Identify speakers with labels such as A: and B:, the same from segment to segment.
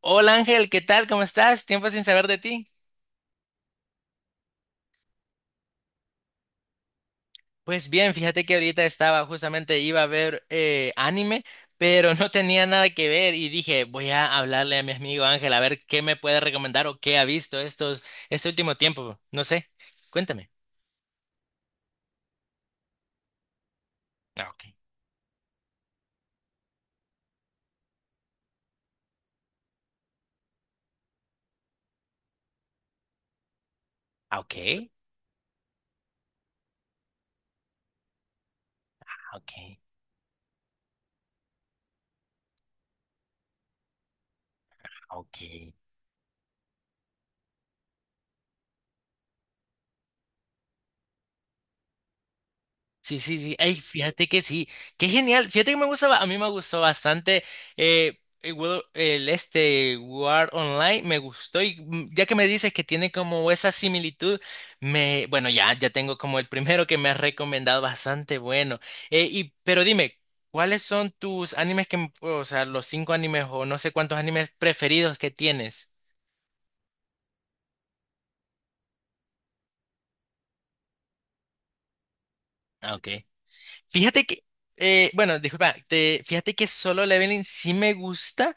A: Hola Ángel, ¿qué tal? ¿Cómo estás? Tiempo sin saber de ti. Pues bien, fíjate que ahorita estaba justamente iba a ver anime, pero no tenía nada que ver y dije, voy a hablarle a mi amigo Ángel a ver qué me puede recomendar o qué ha visto estos este último tiempo. No sé. Cuéntame. Ah, ok. Ah, ok. Ah, ok. Ah, ok. Sí, sí, sí. Ay, fíjate que sí. Qué genial. Fíjate que me gusta, a mí me gustó bastante el, Will- el este War Online. Me gustó y ya que me dices que tiene como esa similitud, bueno, ya tengo como el primero que me has recomendado bastante bueno. Pero dime, ¿cuáles son tus animes que, o sea, los cinco animes o no sé cuántos animes preferidos que tienes? Ah, ok. Fíjate que, bueno, Disculpa, fíjate que Solo Leveling sí me gusta.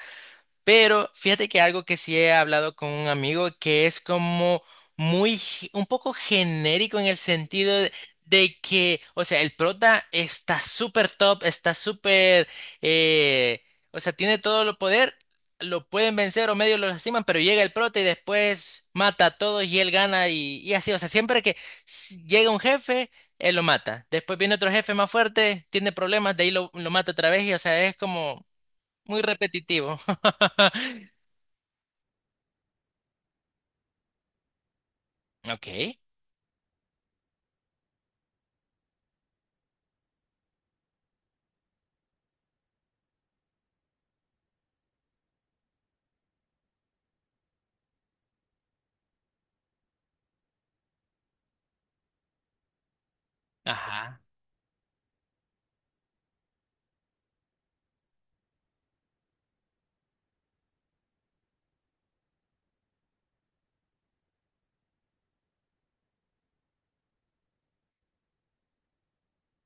A: Pero fíjate que algo que sí he hablado con un amigo que es como un poco genérico en el sentido de que, o sea, el prota está súper top, está súper, eh, o sea, tiene todo el poder, lo pueden vencer o medio lo lastiman, pero llega el prota y después mata a todos y él gana y así. O sea, siempre que llega un jefe, él lo mata. Después viene otro jefe más fuerte, tiene problemas, de ahí lo mata otra vez y, o sea, es como muy repetitivo. Ok. Ajá.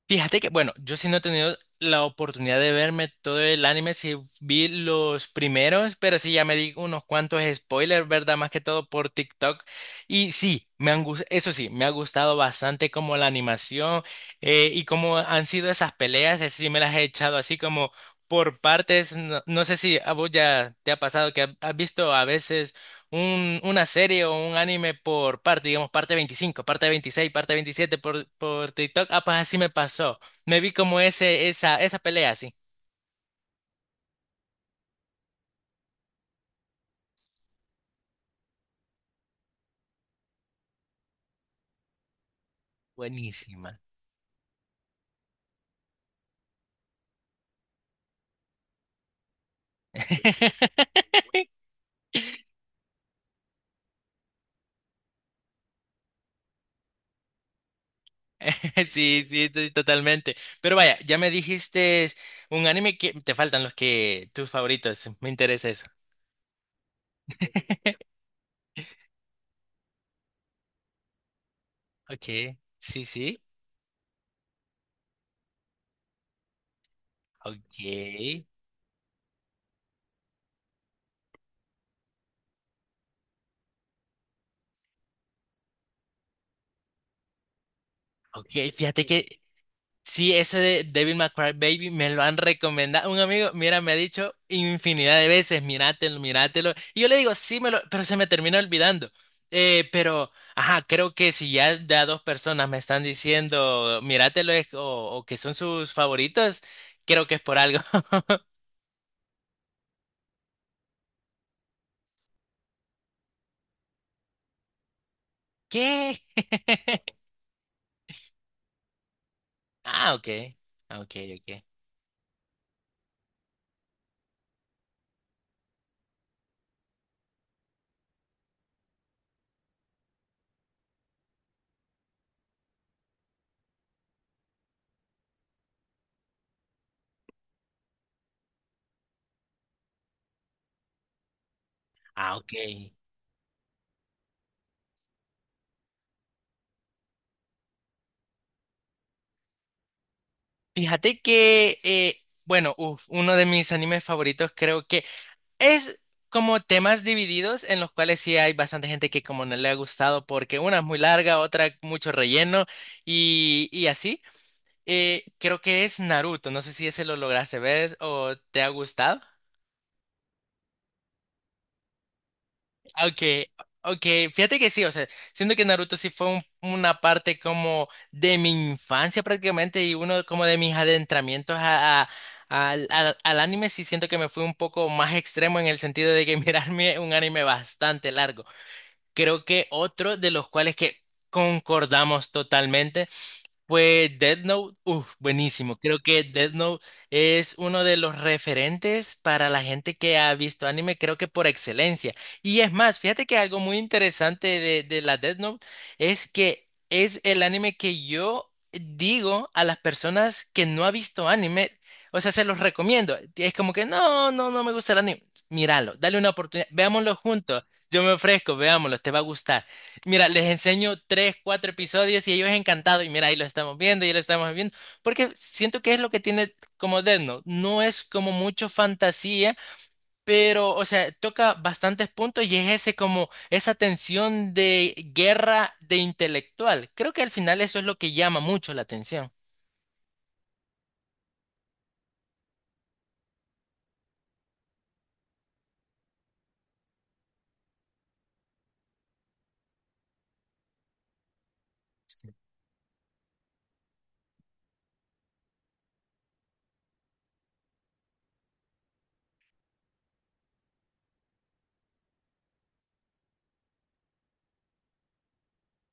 A: Fíjate que, bueno, yo sí no he tenido la oportunidad de verme todo el anime, sí vi los primeros, pero sí ya me di unos cuantos spoilers, ¿verdad? Más que todo por TikTok. Y sí, eso sí, me ha gustado bastante como la animación y cómo han sido esas peleas, es sí me las he echado así como por partes. No, no sé si a vos ya te ha pasado que has visto a veces una serie o un anime por parte, digamos, parte 25 parte 26 parte 27 por TikTok. Ah, pues así me pasó. Me vi como esa pelea así. Buenísima. Sí, sí, estoy totalmente. Pero vaya, ya me dijiste un anime que te faltan los que tus favoritos. Me interesa eso. Ok, sí, sí. Ok, ok. Fíjate que Sí, ese de Devil May Cry Baby me lo han recomendado. Un amigo, mira, me ha dicho infinidad de veces, míratelo, míratelo. Y yo le digo, sí, pero se me termina olvidando. Pero, ajá, creo que si ya dos personas me están diciendo, míratelo, o que son sus favoritos, creo que es por algo. ¿Qué? Ah, ok. Ah, ok, ok. Ah, ok. Fíjate que, bueno, uf, Uno de mis animes favoritos creo que es como temas divididos en los cuales sí hay bastante gente que como no le ha gustado porque una es muy larga, otra mucho relleno y así. Creo que es Naruto, no sé si ese lo lograste ver o te ha gustado. Aunque, Aunque fíjate que sí, o sea, siento que Naruto sí fue una parte como de mi infancia prácticamente y uno como de mis adentramientos al al anime, sí siento que me fui un poco más extremo en el sentido de que mirarme un anime bastante largo. Creo que otro de los cuales que concordamos totalmente pues Death Note, uff, buenísimo. Creo que Death Note es uno de los referentes para la gente que ha visto anime, creo que por excelencia. Y es más, fíjate que algo muy interesante de la Death Note es que es el anime que yo digo a las personas que no ha visto anime, o sea, se los recomiendo. Es como que no me gusta el anime. Míralo, dale una oportunidad, veámoslo juntos. Yo me ofrezco, veámoslo, te va a gustar. Mira, les enseño tres, cuatro episodios y ellos encantados. Y mira, ahí lo estamos viendo, y lo estamos viendo. Porque siento que es lo que tiene como Death Note. No es como mucho fantasía, pero, o sea, toca bastantes puntos y es ese como esa tensión de guerra de intelectual. Creo que al final eso es lo que llama mucho la atención.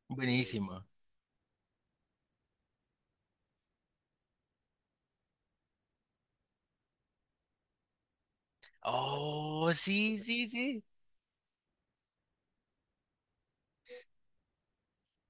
A: Sí. Buenísimo. Oh, sí, sí, sí.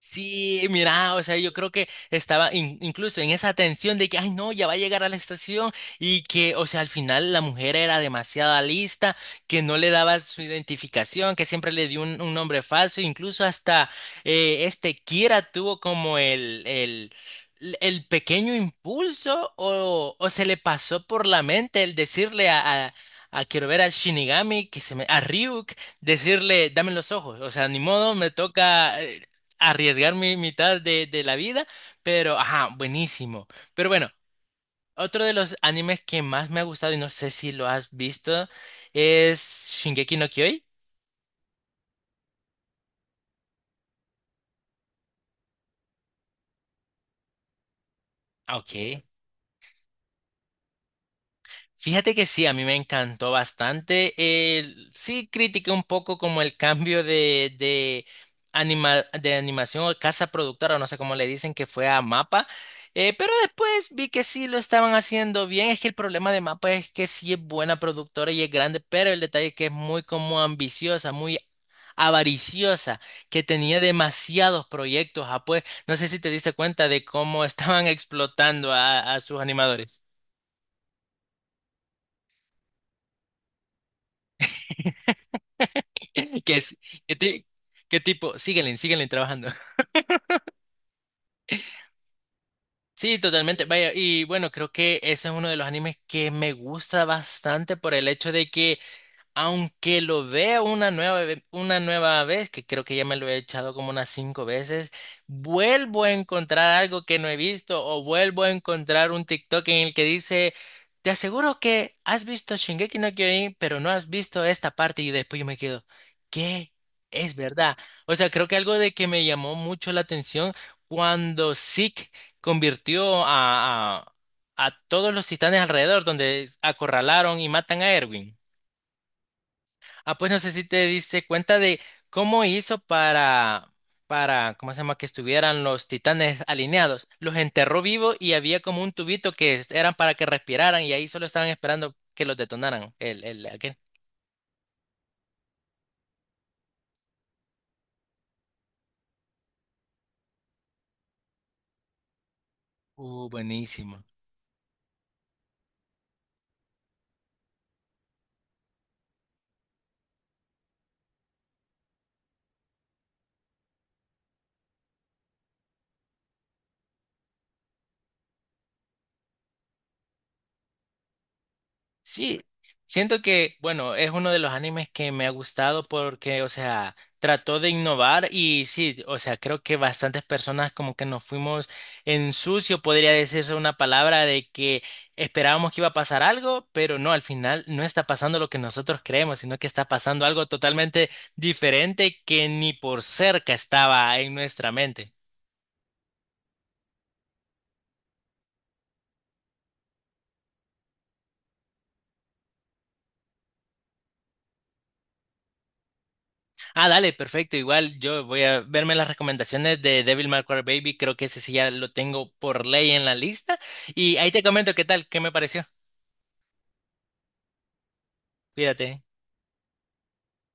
A: Sí, mira, o sea, yo creo que estaba incluso en esa tensión de que, ay, no, ya va a llegar a la estación y que, o sea, al final la mujer era demasiada lista, que no le daba su identificación, que siempre le dio un nombre falso, incluso hasta este Kira tuvo como el pequeño impulso o se le pasó por la mente el decirle a quiero ver al Shinigami, que se me, a Ryuk decirle, dame los ojos, o sea, ni modo, me toca, arriesgar mi mitad de la vida, pero ajá, buenísimo. Pero bueno, otro de los animes que más me ha gustado y no sé si lo has visto es Shingeki no Kyojin. Ah, ok. Fíjate que sí, a mí me encantó bastante. Sí critiqué un poco como el cambio de animación o casa productora, no sé cómo le dicen, que fue a Mapa. Pero después vi que sí lo estaban haciendo bien. Es que el problema de Mapa es que sí es buena productora y es grande, pero el detalle es que es muy como ambiciosa, muy avariciosa, que tenía demasiados proyectos. Ah, pues no sé si te diste cuenta de cómo estaban explotando a sus animadores. ¿Que es? ¿Qué, qué tipo? Síguenle, síguenle trabajando. Sí, totalmente. Vaya, y bueno, creo que ese es uno de los animes que me gusta bastante por el hecho de que aunque lo vea una nueva vez, que creo que ya me lo he echado como unas cinco veces, vuelvo a encontrar algo que no he visto o vuelvo a encontrar un TikTok en el que dice, te aseguro que has visto Shingeki no Kyojin, pero no has visto esta parte y después yo me quedo, ¿qué? Es verdad. O sea, creo que algo de que me llamó mucho la atención cuando Zeke convirtió a todos los titanes alrededor, donde acorralaron y matan a Erwin. Ah, pues no sé si te diste cuenta de cómo hizo para, ¿cómo se llama? Que estuvieran los titanes alineados. Los enterró vivos y había como un tubito eran para que respiraran y ahí solo estaban esperando que los detonaran. Aquel. Buenísimo. Sí, siento que, bueno, es uno de los animes que me ha gustado porque, o sea, trató de innovar y sí, o sea, creo que bastantes personas como que nos fuimos en sucio, podría decirse una palabra de que esperábamos que iba a pasar algo, pero no, al final no está pasando lo que nosotros creemos, sino que está pasando algo totalmente diferente que ni por cerca estaba en nuestra mente. Ah, dale, perfecto. Igual yo voy a verme las recomendaciones de Devil May Cry Baby. Creo que ese sí ya lo tengo por ley en la lista. Y ahí te comento qué tal, qué me pareció. Cuídate.